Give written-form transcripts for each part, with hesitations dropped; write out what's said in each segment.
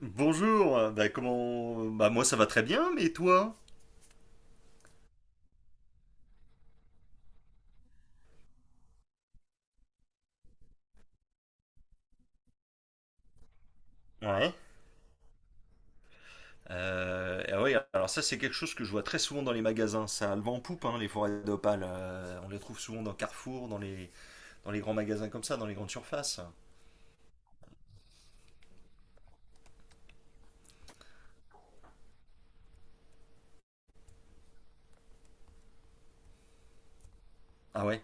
Bonjour. Bah moi ça va très bien, mais toi? Ouais. Ah ouais, alors ça c'est quelque chose que je vois très souvent dans les magasins, ça a le vent en poupe, hein, les forêts d'Opale. On les trouve souvent dans Carrefour, dans les grands magasins comme ça, dans les grandes surfaces. Ah ouais?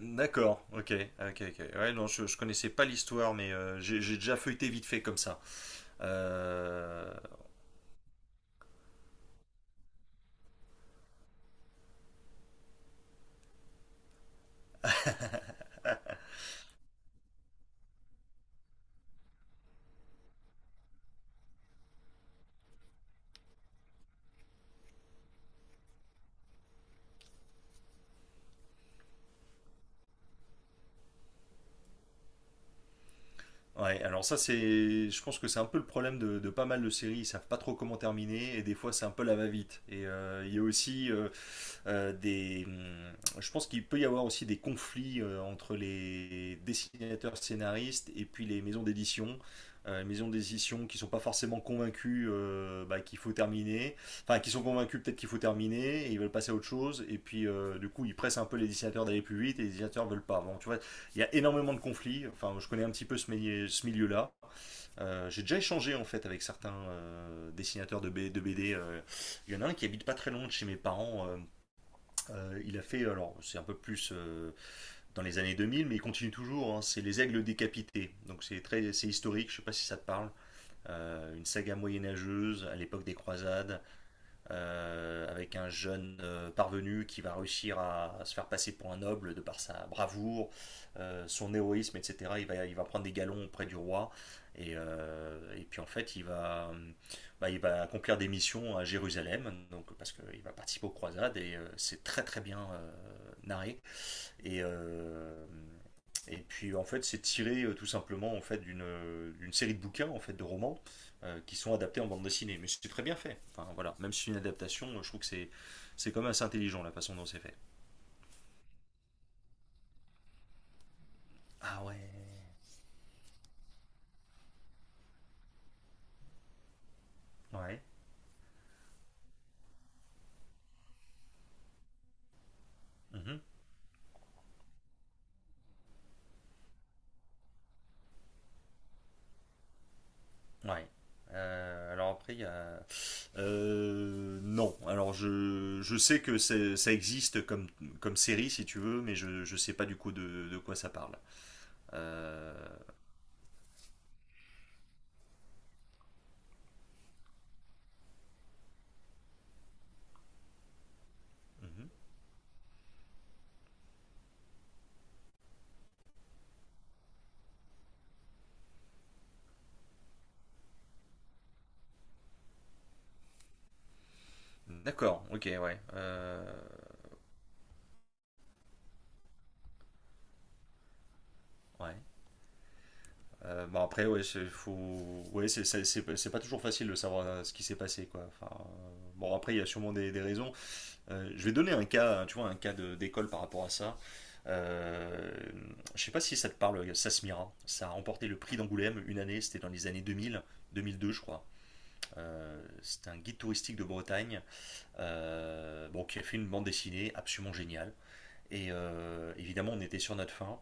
D'accord, ok, ok, ok. Ouais, non, je connaissais pas l'histoire, mais j'ai déjà feuilleté vite fait comme ça. Euh, ouais, alors ça c'est, je pense que c'est un peu le problème de pas mal de séries, ils savent pas trop comment terminer, et des fois c'est un peu la va-vite. Et il y a aussi, euh, des, hum, je pense qu'il peut y avoir aussi des conflits entre les dessinateurs scénaristes et puis les maisons d'édition. Les maisons d'édition qui sont pas forcément convaincus bah, qu'il faut terminer, enfin qui sont convaincus peut-être qu'il faut terminer et ils veulent passer à autre chose et puis du coup ils pressent un peu les dessinateurs d'aller plus vite et les dessinateurs veulent pas. Bon, tu vois, il y a énormément de conflits. Enfin, je connais un petit peu ce milieu, ce milieu-là. J'ai déjà échangé en fait avec certains dessinateurs de BD. Il y en a un qui habite pas très loin de chez mes parents, il a fait, alors c'est un peu plus dans les années 2000, mais il continue toujours, hein, c'est Les Aigles décapités. Donc c'est historique, je sais pas si ça te parle. Une saga moyenâgeuse à l'époque des croisades, avec un jeune parvenu qui va réussir à se faire passer pour un noble de par sa bravoure, son héroïsme, etc. Il va prendre des galons auprès du roi. Et puis en fait, il va accomplir des missions à Jérusalem, donc, parce qu'il va participer aux croisades, et c'est très très bien narré. Et, euh, et puis en fait, c'est tiré tout simplement en fait d'une série de bouquins en fait de romans qui sont adaptés en bande dessinée. Mais c'est très bien fait. Enfin voilà, même si c'est une adaptation, je trouve que c'est quand même assez intelligent la façon dont c'est fait. Ah ouais. Ouais. Mhm. Ouais. Alors après, il y a. Non. Alors je sais que ça existe comme série, si tu veux, mais je sais pas du coup de quoi ça parle. Euh, mhm. D'accord, ok, ouais. Ouais. Bah après, ouais, ouais, c'est pas toujours facile de savoir ce qui s'est passé, quoi. Enfin, bon, après, il y a sûrement des raisons. Je vais donner un cas, tu vois, un cas d'école par rapport à ça. Euh, je sais pas si ça te parle, Sasmira. Ça a remporté le prix d'Angoulême une année, c'était dans les années 2000, 2002, je crois. C'est un guide touristique de Bretagne, bon, qui a fait une bande dessinée absolument géniale. Et évidemment, on était sur notre fin.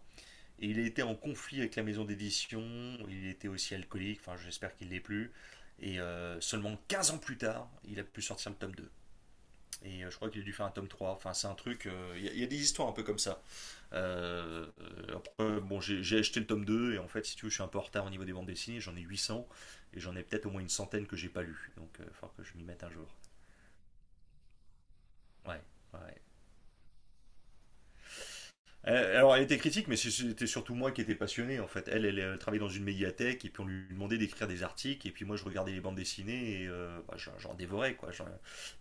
Et il était en conflit avec la maison d'édition, il était aussi alcoolique, enfin j'espère qu'il ne l'est plus. Et seulement 15 ans plus tard, il a pu sortir le tome 2. Et je crois qu'il a dû faire un tome 3. Enfin, c'est un truc. Y a des histoires un peu comme ça. Après, bon, j'ai acheté le tome 2. Et en fait, si tu veux, je suis un peu en retard au niveau des bandes dessinées. J'en ai 800. Et j'en ai peut-être au moins une centaine que j'ai pas lu. Donc, il va falloir que je m'y mette un jour. Ouais, ouais, ouais. Alors, elle était critique, mais c'était surtout moi qui étais passionné, en fait. Elle, elle, elle travaillait dans une médiathèque, et puis on lui demandait d'écrire des articles, et puis moi, je regardais les bandes dessinées, et bah, j'en dévorais, quoi.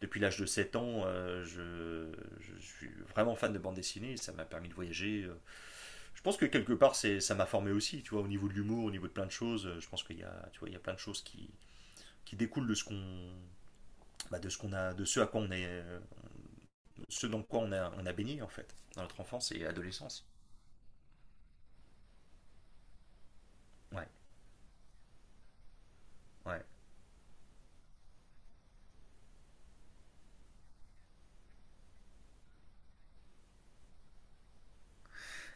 Depuis l'âge de 7 ans, je suis vraiment fan de bandes dessinées, ça m'a permis de voyager. Je pense que quelque part, c'est, ça m'a formé aussi, tu vois, au niveau de l'humour, au niveau de plein de choses. Je pense qu'il y a, tu vois, il y a plein de choses qui découlent de ce qu'on, bah, de ce qu'on a, de ce à quoi on est, ce dans quoi on a baigné, en fait, dans notre enfance et adolescence. Ouais, ouais.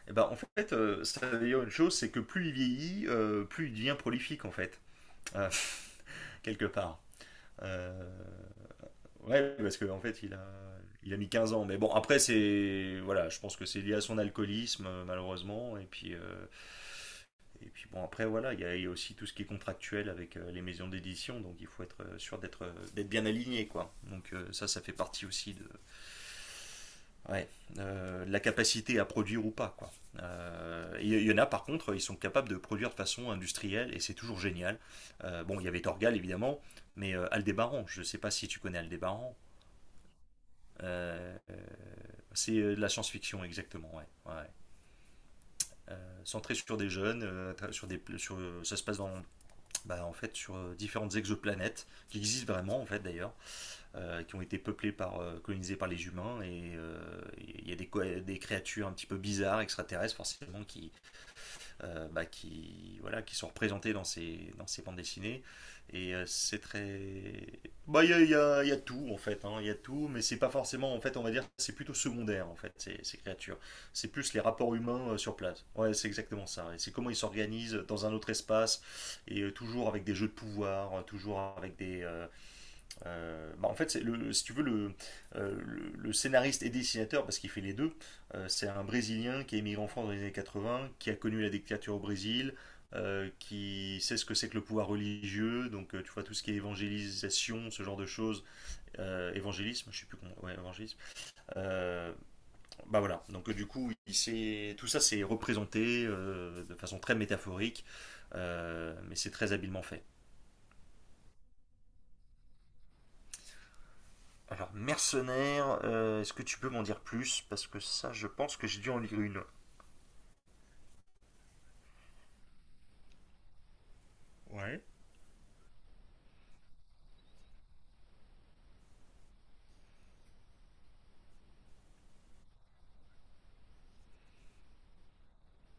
Eh ben, en fait, ça veut dire une chose, c'est que plus il vieillit, plus il devient prolifique, en fait. Euh, Quelque part. Euh, ouais, parce qu'en fait, il a mis 15 ans. Mais bon, après, c'est, voilà, je pense que c'est lié à son alcoolisme, malheureusement. Et puis bon, après, voilà, il y a aussi tout ce qui est contractuel avec les maisons d'édition, donc il faut être sûr d'être bien aligné, quoi. Donc ça fait partie aussi de, ouais, la capacité à produire ou pas, quoi. Y en a par contre, ils sont capables de produire de façon industrielle et c'est toujours génial. Bon, il y avait Torgal évidemment, mais Aldébaran, je ne sais pas si tu connais Aldébaran. Euh, euh, c'est de la science-fiction exactement, ouais, ouais, ouais. Centré sur des jeunes, sur des, sur, ça se passe dans, bah, en fait, sur différentes exoplanètes qui existent vraiment en fait d'ailleurs, qui ont été peuplés par, colonisés par les humains, et il y a des créatures un petit peu bizarres, extraterrestres forcément, qui, bah, qui, voilà, qui sont représentées dans ces bandes dessinées. Et c'est très... Bah, il y a, il y a- il y a tout, en fait, hein, il y a tout, mais c'est pas forcément, en fait, on va dire, c'est plutôt secondaire, en fait, ces créatures. C'est plus les rapports humains sur place. Ouais, c'est exactement ça. Et c'est comment ils s'organisent dans un autre espace, et toujours avec des jeux de pouvoir, bah, en fait, c'est le, si tu veux, le scénariste et dessinateur, parce qu'il fait les deux, c'est un Brésilien qui est émigré en France dans les années 80, qui a connu la dictature au Brésil, qui sait ce que c'est que le pouvoir religieux, donc tu vois tout ce qui est évangélisation, ce genre de choses, évangélisme, je sais plus comment, ouais, évangélisme. Euh, Bah voilà, donc du coup, tout ça c'est représenté de façon très métaphorique, mais c'est très habilement fait. Alors, Mercenaire, est-ce que tu peux m'en dire plus? Parce que ça, je pense que j'ai dû en lire une. Ouais.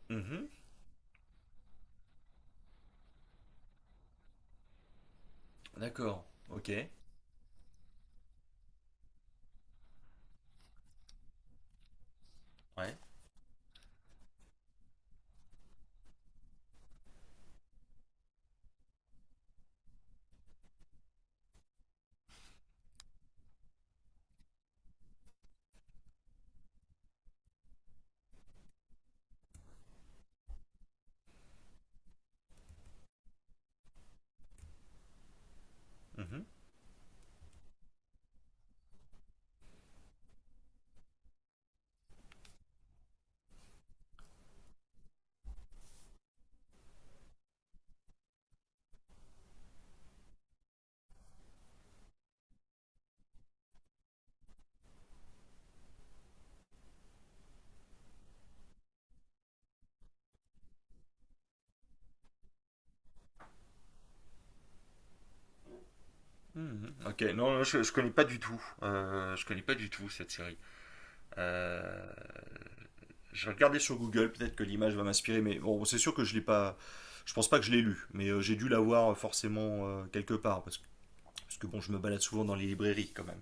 Mhm. D'accord, ok. Ouais. Mhm, mhm. Ok, non, non, je connais pas du tout. Je connais pas du tout cette série. Euh, je vais regarder sur Google, peut-être que l'image va m'inspirer, mais bon, c'est sûr que je l'ai pas. Je pense pas que je l'ai lu, mais j'ai dû l'avoir forcément quelque part, parce que, bon, je me balade souvent dans les librairies quand même.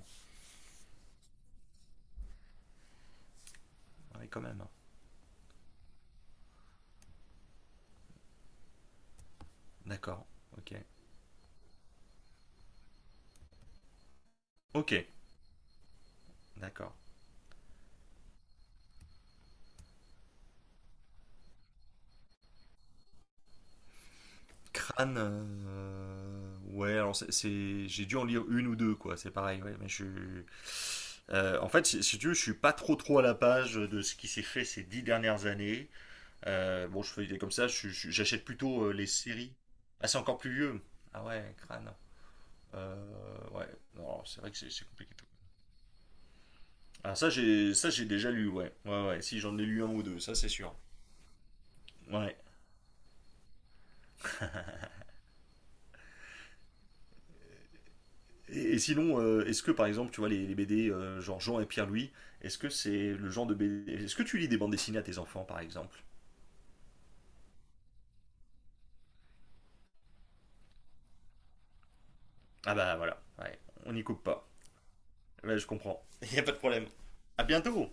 Ouais, quand même, hein. D'accord, ok. Ok, d'accord. Crâne, ouais, alors c'est, j'ai dû en lire une ou deux, quoi, c'est pareil, ouais, en fait, si tu veux, je suis pas trop trop à la page de ce qui s'est fait ces 10 dernières années. Bon, je fais comme ça, j'achète plutôt les séries. Ah, c'est encore plus vieux. Ah ouais, crâne. Ouais, non, alors, c'est vrai que c'est compliqué. Tout. Ça j'ai déjà lu, ouais. Ouais, ouais, si j'en ai lu un ou deux, ça c'est sûr. Ouais. Et sinon, est-ce que par exemple, tu vois, les BD, genre Jean et Pierre-Louis, est-ce que c'est le genre de BD? Est-ce que tu lis des bandes dessinées à tes enfants par exemple? Ah bah voilà, ouais, on n'y coupe pas. Ouais, je comprends. Il n'y a pas de problème. À bientôt